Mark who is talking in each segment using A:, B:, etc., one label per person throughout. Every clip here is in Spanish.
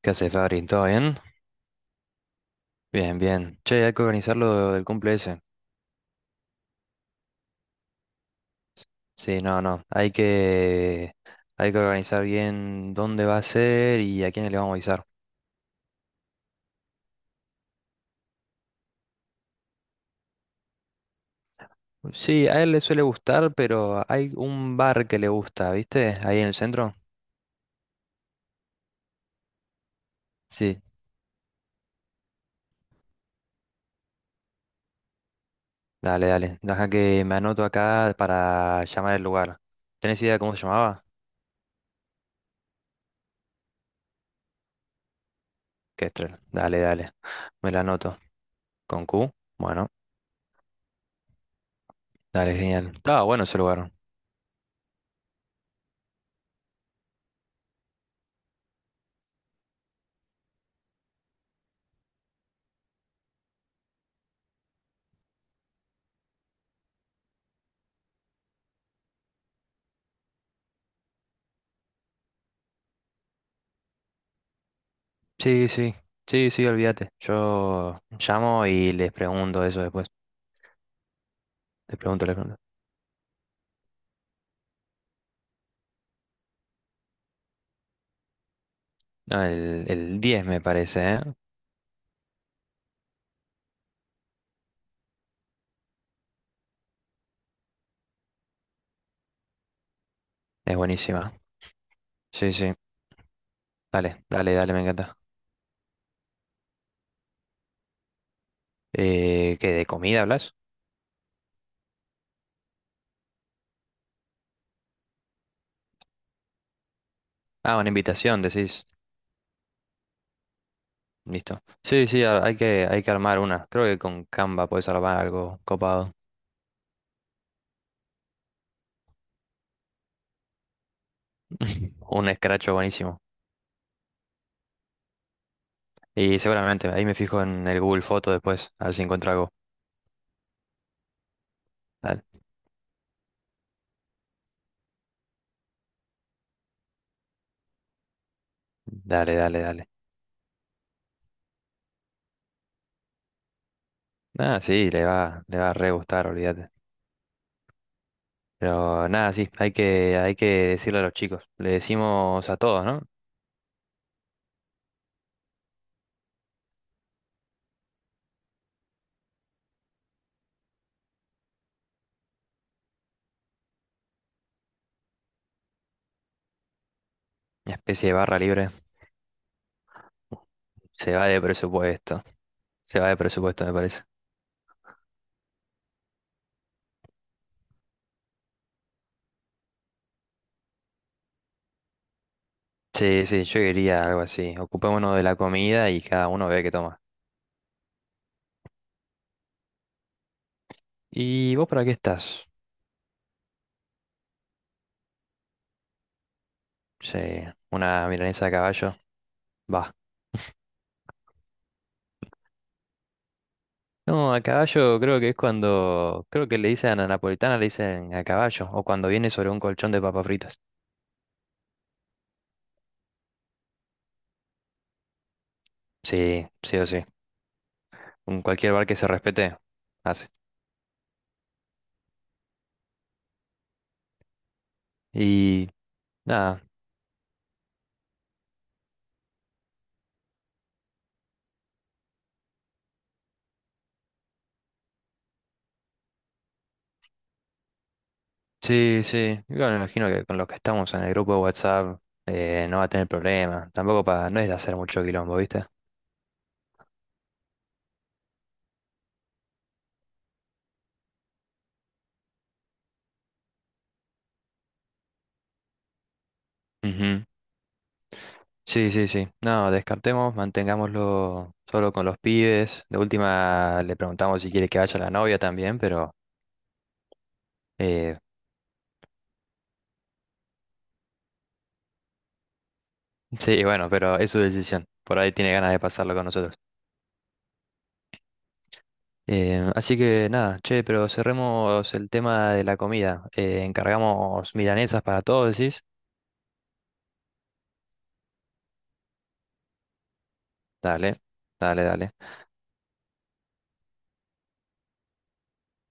A: ¿Qué hace, Fabri? ¿Todo bien? Bien, bien. Che, hay que organizar lo del cumple ese. Sí, no, no. Hay que organizar bien dónde va a ser y a quién le vamos a avisar. Sí, a él le suele gustar, pero hay un bar que le gusta, ¿viste? Ahí en el centro. Sí, dale, dale. Deja que me anoto acá para llamar el lugar. ¿Tenés idea de cómo se llamaba? Kestrel. Dale, dale. Me la anoto. ¿Con Q? Bueno, dale, genial. Estaba bueno ese lugar. Sí, sí, sí, sí, olvídate. Yo llamo y les pregunto eso después. Les pregunto, les pregunto. No, el 10 me parece, ¿eh? Es buenísima. Sí, sí. Dale, dale, dale, me encanta. ¿Qué, de comida hablas? Ah, una invitación, decís. Listo. Sí, sí, hay hay que armar una. Creo que con Canva puedes armar algo copado. Un escracho buenísimo. Y seguramente, ahí me fijo en el Google Foto después, a ver si encuentro algo. Dale, dale, dale, dale. Ah, sí, le va a re gustar, olvídate. Pero nada, sí, hay que decirle a los chicos. Le decimos a todos, ¿no? Una especie de barra libre. Se va de presupuesto. Se va de presupuesto, me parece. Sí, sí, yo quería algo así. Ocupémonos de la comida y cada uno ve qué toma. ¿Y vos para qué estás? Sí, una milanesa a caballo. Va. No, a caballo creo que es cuando. Creo que le dicen a la napolitana, le dicen a caballo. O cuando viene sobre un colchón de papas fritas. Sí, sí o sí. En cualquier bar que se respete, hace. Y nada, sí, sí. Yo me imagino que con los que estamos en el grupo de WhatsApp no va a tener problema. Tampoco para, no es de hacer mucho quilombo, ¿viste? Ujú. Sí, sí, sí. No, descartemos, mantengámoslo solo con los pibes. De última le preguntamos si quiere que vaya la novia también, pero eh, sí, bueno, pero es su decisión. Por ahí tiene ganas de pasarlo con nosotros. Así que nada, che, pero cerremos el tema de la comida. Encargamos milanesas para todos, decís. Dale, dale, dale.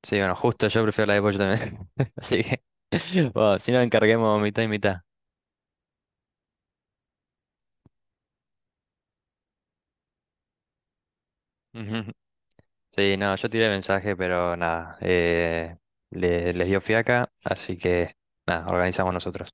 A: Sí, bueno, justo yo prefiero la de pollo también. Así que, bueno, si nos encarguemos mitad y mitad. Ujú. Sí, no, yo tiré mensaje, pero nada, les dio fiaca, así que nada, organizamos nosotros.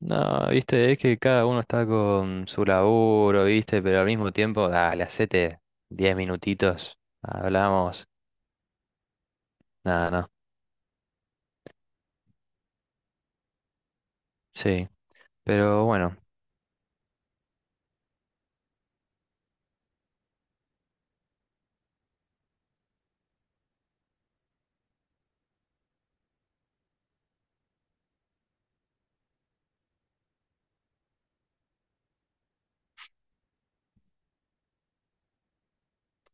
A: No, viste, es que cada uno está con su laburo, viste, pero al mismo tiempo, dale, hacete 10 minutitos, hablamos, nada, no, sí, pero bueno,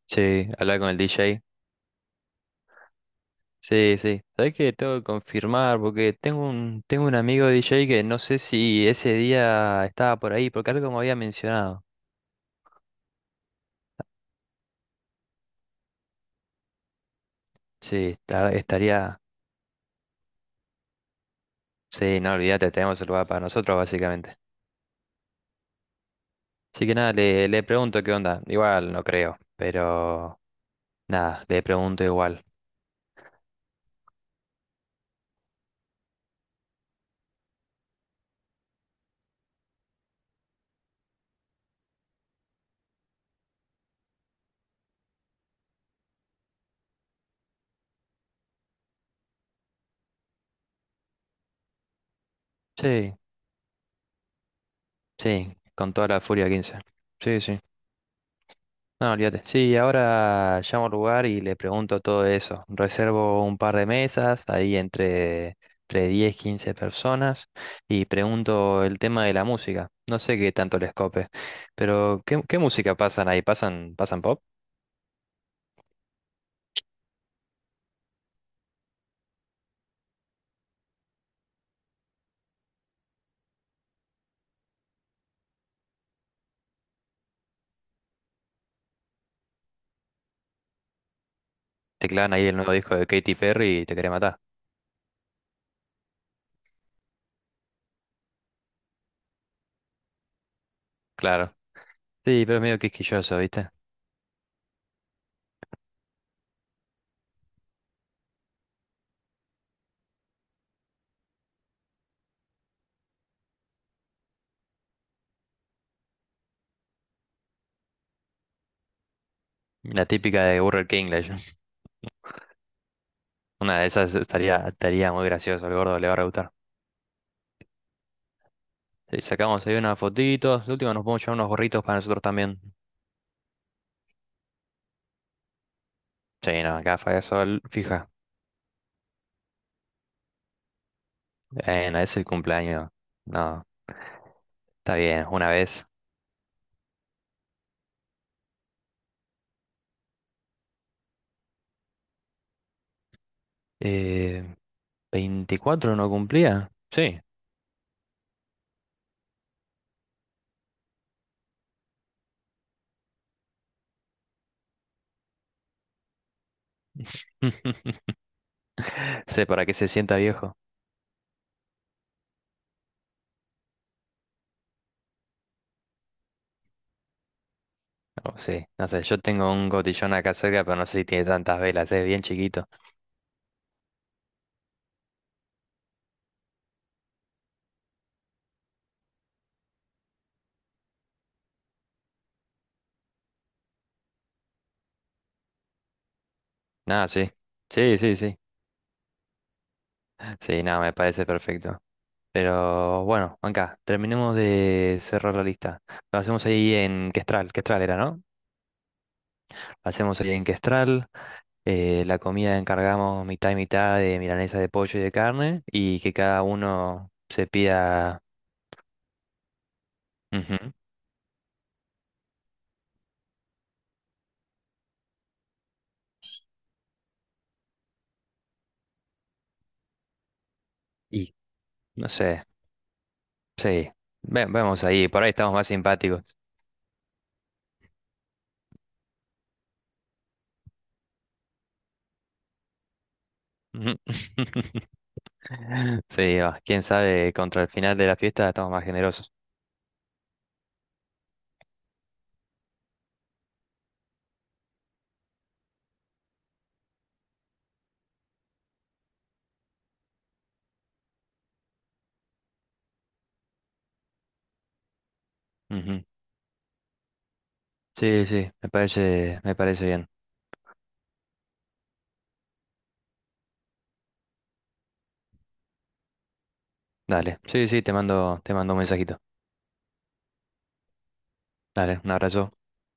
A: sí, hablar con el DJ. Sí, sí. Sabés que tengo que confirmar porque tengo tengo un amigo DJ que no sé si ese día estaba por ahí, porque algo me había mencionado. Sí, estaría. Sí, no olvídate, tenemos el lugar para nosotros básicamente. Así que nada, le pregunto qué onda. Igual no creo, pero nada, le pregunto igual. Sí, sí, con toda la furia 15. Sí, sí. No, olvídate. Sí, ahora llamo al lugar y le pregunto todo eso. Reservo un par de mesas, entre 10 15 personas, y pregunto el tema de la música. No sé qué tanto les cope, pero ¿qué, qué música pasan ahí? ¿Pasan, pasan pop? Teclan ahí el nuevo disco de Katy Perry y te quería matar. Claro. Sí, pero es medio quisquilloso, ¿viste? La típica de Burger King, Una de esas estaría muy gracioso, el gordo le va a rebutar. Sí, sacamos ahí unas fotitos. De última nos podemos llevar unos gorritos para nosotros también. Sí, no, gafa de sol, fija. Bueno, es el cumpleaños. No, está bien, una vez. Eh, 24 no cumplía. Sí. Sé para que se sienta viejo. Oh, sí, no sé, yo tengo un cotillón acá cerca, pero no sé si tiene tantas velas, es bien chiquito. Nada, sí. Sí, sí, sí. Sí, nada, me parece perfecto. Pero bueno, Anca, terminemos de cerrar la lista. Lo hacemos ahí en Questral, Questral era, ¿no? Hacemos ahí en Questral. La comida encargamos mitad y mitad de milanesa de pollo y de carne y que cada uno se pida... Ujú. Y no sé, sí. Vemos ahí, por ahí estamos más simpáticos. Ujú. Sí, va, quién sabe, contra el final de la fiesta estamos más generosos. Ujú. Sí, sí, me parece bien. Dale, sí, sí, te mando un mensajito. Dale, un abrazo.